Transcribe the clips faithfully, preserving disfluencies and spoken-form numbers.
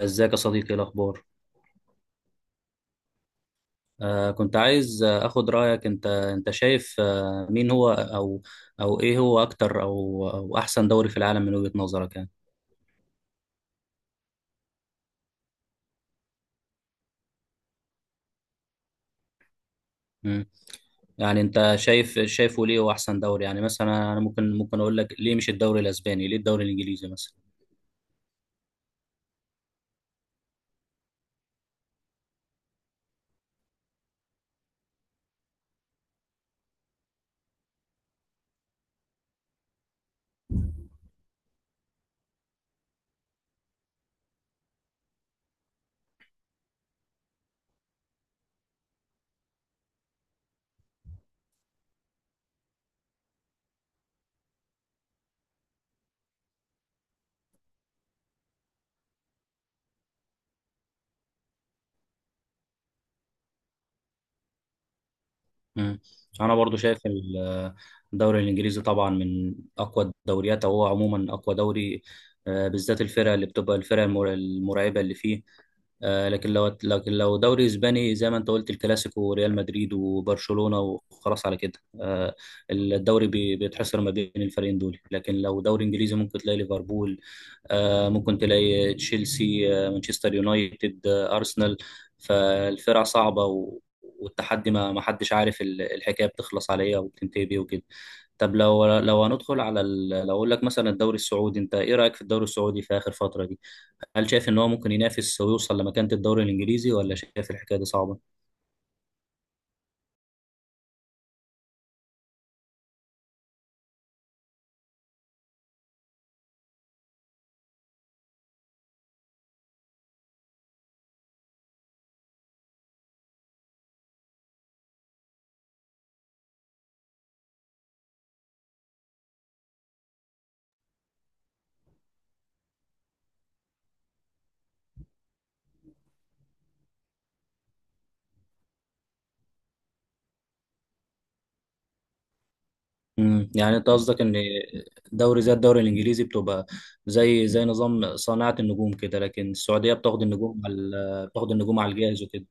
ازيك يا صديقي، إيه الاخبار؟ آه كنت عايز آه، اخد رايك. انت انت شايف آه مين هو او او ايه هو اكتر او او احسن دوري في العالم من وجهة نظرك يعني. مم. يعني انت شايف شايفه ليه هو احسن دوري يعني؟ مثلا انا ممكن ممكن اقول لك ليه مش الدوري الاسباني، ليه الدوري الانجليزي مثلا. مم. انا برضو شايف ال- آه، الدوري الانجليزي طبعا من اقوى الدوريات، او هو عموما اقوى دوري. آه، بالذات الفرق اللي بتبقى الفرق المر- المرعبه اللي فيه. آه، لكن لو لكن لو دوري اسباني زي ما انت قلت الكلاسيكو وريال مدريد وبرشلونة وخلاص على كده. آه، الدوري بي- بيتحصر ما بين الفريقين دول، لكن لو دوري انجليزي ممكن تلاقي ليفربول، آه، ممكن تلاقي تشيلسي، آه، مانشستر يونايتد، آه، ارسنال. فالفرق صعبة و- والتحدي ما ما حدش عارف ال- الحكاية بتخلص على ايه وبتنتهي بيه وكده. طب لو لو هندخل على ال... لو اقول لك مثلا الدوري السعودي، انت ايه رأيك في الدوري السعودي في آخر فترة دي؟ هل شايف ان هو ممكن ينافس ويوصل لمكانة الدوري الانجليزي، ولا شايف الحكاية دي صعبة؟ امم يعني انت قصدك ان دوري زي الدوري الانجليزي بتبقى زي زي نظام صناعة النجوم كده، لكن السعودية بتاخد النجوم على بتاخد النجوم على الجاهز وكده.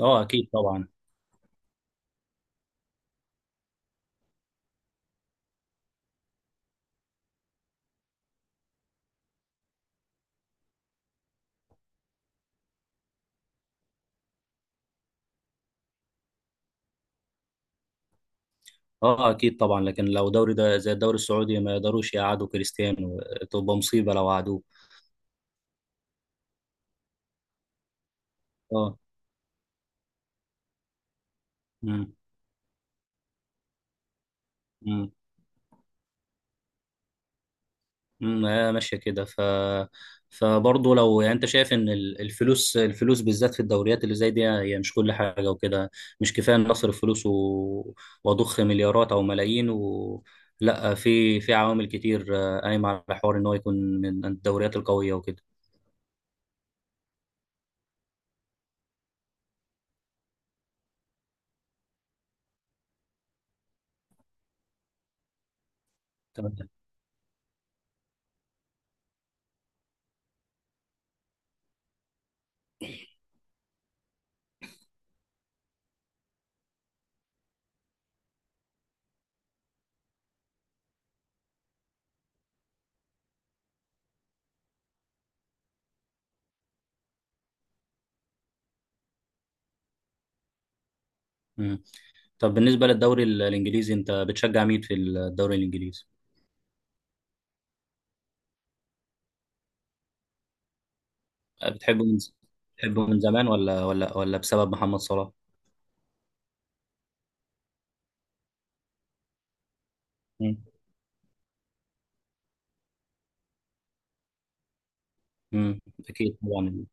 اه اكيد طبعا. اه اكيد طبعا، لكن لو دوري ده زي الدوري السعودي ما يقدروش يقعدوا كريستيانو، تبقى مصيبة لو قعدوه. اه. امم. امم، هي ماشيه كده ف فبرضه لو يعني انت شايف ان ال- الفلوس الفلوس بالذات في الدوريات اللي زي دي هي مش كل حاجه وكده. مش كفايه ان اصرف فلوس و واضخ مليارات او ملايين و لا، في في عوامل كتير آه، قايمه على حوار ان هو يكون من الدوريات القويه وكده. تمام. امم. طب بالنسبه للدوري ال- الانجليزي، انت بتشجع مين في الدوري الانجليزي؟ بتحبه من بتحبه من زمان ولا ولا ولا بسبب محمد صلاح؟ امم. امم. اكيد طبعا.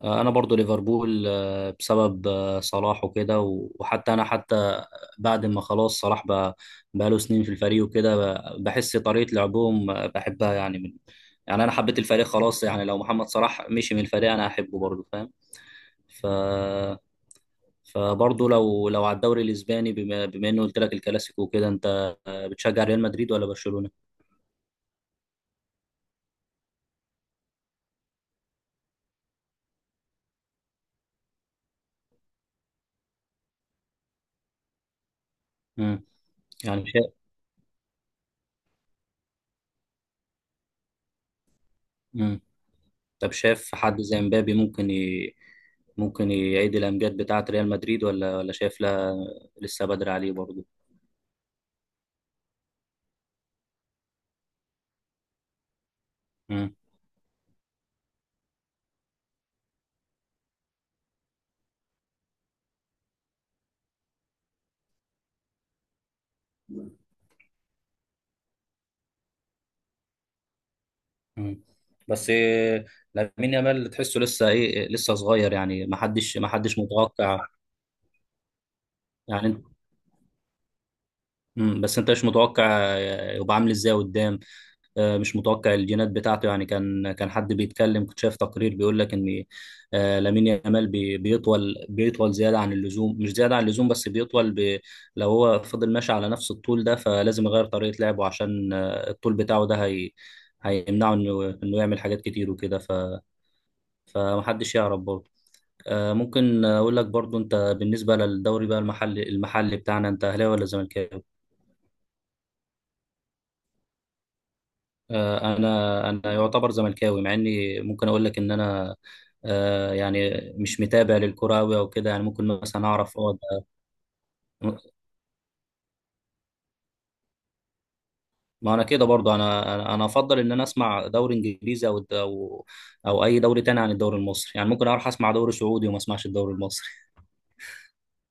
آه، انا برضو ليفربول، آه، بسبب آه، صلاح وكده، و- وحتى انا حتى بعد ما خلاص صلاح بقى بقاله سنين في الفريق وكده، ب- بحس طريقة لعبهم آه، بحبها يعني. من يعني انا حبيت الفريق خلاص، يعني لو محمد صلاح مشي من الفريق انا هحبه برضو، فاهم؟ ف فبرضه لو لو على الدوري الاسباني، بما, بما انه قلت لك الكلاسيكو وكده، انت آه، بتشجع ريال مدريد ولا برشلونة؟ امم. يعني شايف. امم. طب شايف حد زي مبابي ممكن ي... ممكن يعيد الأمجاد بتاعة ريال مدريد، ولا ولا شايف لا، لسه بدري عليه برضه؟ مم. مم. بس إيه، لامين يامال تحسه لسه ايه، لسه صغير يعني، ما حدش ما حدش متوقع. يعني انت. مم، بس انت مش متوقع يبقى عامل ازاي قدام؟ آه، مش متوقع الجينات بتاعته يعني. كان كان حد بيتكلم، كنت شايف تقرير بيقول لك ان آه، لامين يامال بي- بيطول بيطول زياده عن اللزوم، مش زياده عن اللزوم بس بيطول ب... لو هو فضل ماشي على نفس الطول ده فلازم يغير طريقه لعبه عشان آه، الطول بتاعه ده هي... هيمنعه انه انه يعمل حاجات كتير وكده ف... فمحدش يعرف برضه. آه، ممكن اقول لك برضه، انت بالنسبه للدوري بقى المحلي المحلي بتاعنا، انت اهلاوي ولا زملكاوي؟ آه، انا انا يعتبر زملكاوي، مع اني ممكن اقول لك ان انا آه، يعني مش متابع للكرة أوي او كده يعني. ممكن مثلا اعرف اه ده- ما انا كده برضو. انا انا أنا افضل ان انا اسمع دوري انجليزي او او او اي دوري تاني عن الدوري المصري. يعني ممكن اروح اسمع دوري سعودي وما اسمعش الدوري المصري.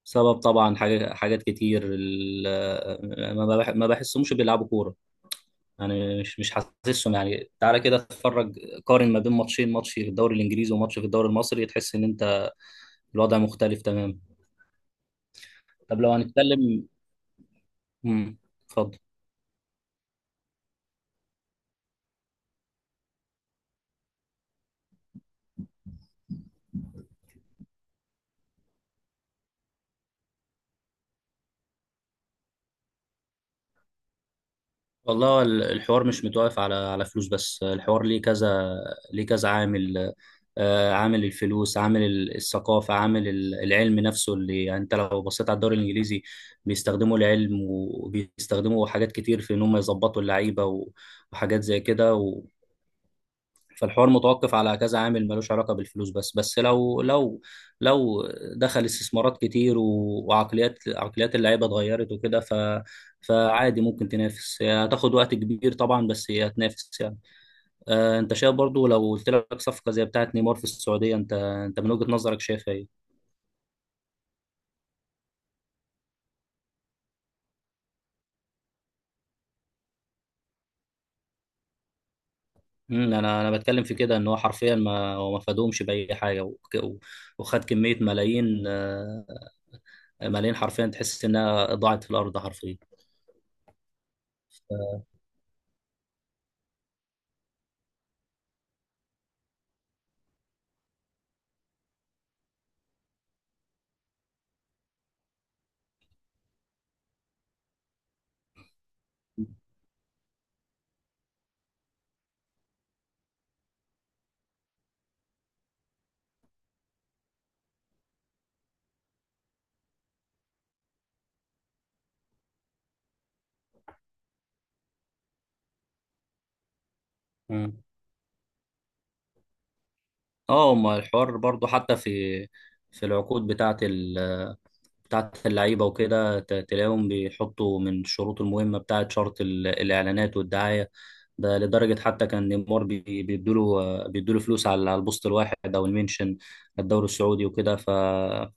سبب طبعا حاجات حاجات كتير ال- آه، ما بح- ما بحسهمش بيلعبوا كورة يعني. مش مش حاسسهم، يعني تعالى كده اتفرج، قارن ما بين ماتشين، ماتش في الدوري الانجليزي وماتش في الدوري المصري، تحس ان انت الوضع مختلف تماما. طب لو هنتكلم. امم. اتفضل. والله ال- الحوار مش متوقف على على فلوس بس، الحوار ليه كذا، ليه كذا عامل. آه، عامل الفلوس، عامل ال- الثقافة، عامل ال- العلم نفسه، اللي يعني انت لو بصيت على الدوري الانجليزي بيستخدموا العلم وبيستخدموا حاجات كتير في ان هم يظبطوا اللعيبة و- وحاجات زي كده. فالحوار متوقف على كذا عامل، ملوش علاقة بالفلوس بس. بس لو لو لو دخل استثمارات كتير و- وعقليات عقليات اللعيبة اتغيرت وكده، ف فعادي ممكن تنافس. هي هتاخد وقت كبير طبعا بس هي هتنافس يعني. آه انت شايف برضو لو قلت لك صفقة زي بتاعة نيمار في السعودية، انت انت من وجهة نظرك شايف ايه؟ مم، انا انا بتكلم في كده ان هو حرفيا ما هو ما فادهمش بأي حاجة وك- و- وخد كمية ملايين آه، ملايين حرفيا، تحس انها ضاعت في الارض حرفيا. مم. اه ما الحوار برضو حتى في في العقود بتاعت ال بتاعت اللعيبة وكده، ت- تلاقيهم بيحطوا من الشروط المهمة بتاعت شرط ال- الإعلانات والدعاية. ده لدرجة حتى كان نيمار بي- بيدوله بيدوله فلوس على على البوست الواحد أو المنشن الدوري السعودي وكده. ف-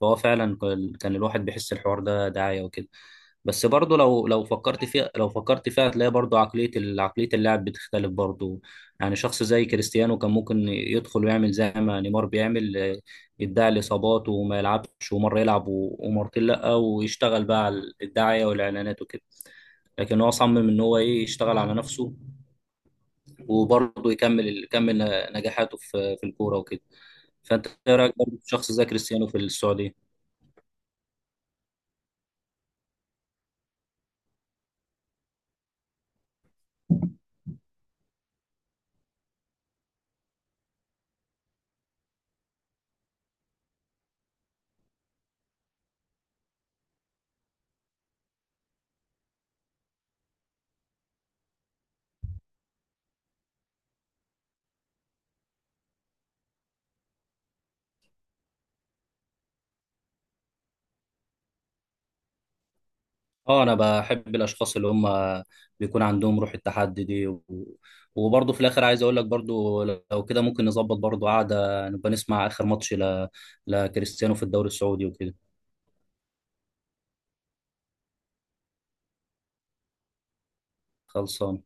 فهو فعلا كان كان الواحد بيحس الحوار ده دعاية وكده. بس برضه لو لو فكرت فيها لو فكرت فيها هتلاقي برضه عقلية ال- عقلية اللاعب بتختلف برضه. يعني شخص زي كريستيانو كان ممكن يدخل ويعمل زي ما نيمار بيعمل، آه، يدعي الإصابات وما يلعبش ومرة يلعب و- ومرتين لأ، ويشتغل بقى على الدعاية والإعلانات وكده. لكن هو صمم إن هو إيه، يشتغل على نفسه وبرضه يكمل يكمل نجاحاته في في الكورة وكده. فأنت إيه رأيك برضه في شخص زي كريستيانو في السعودية؟ اه انا بحب الاشخاص اللي هم بيكون عندهم روح التحدي دي و وبرضه في الاخر عايز اقول لك برضه لو كده ممكن نظبط برضه قعده، نبقى نسمع اخر ماتش ل... لكريستيانو في الدوري السعودي وكده. خلصان.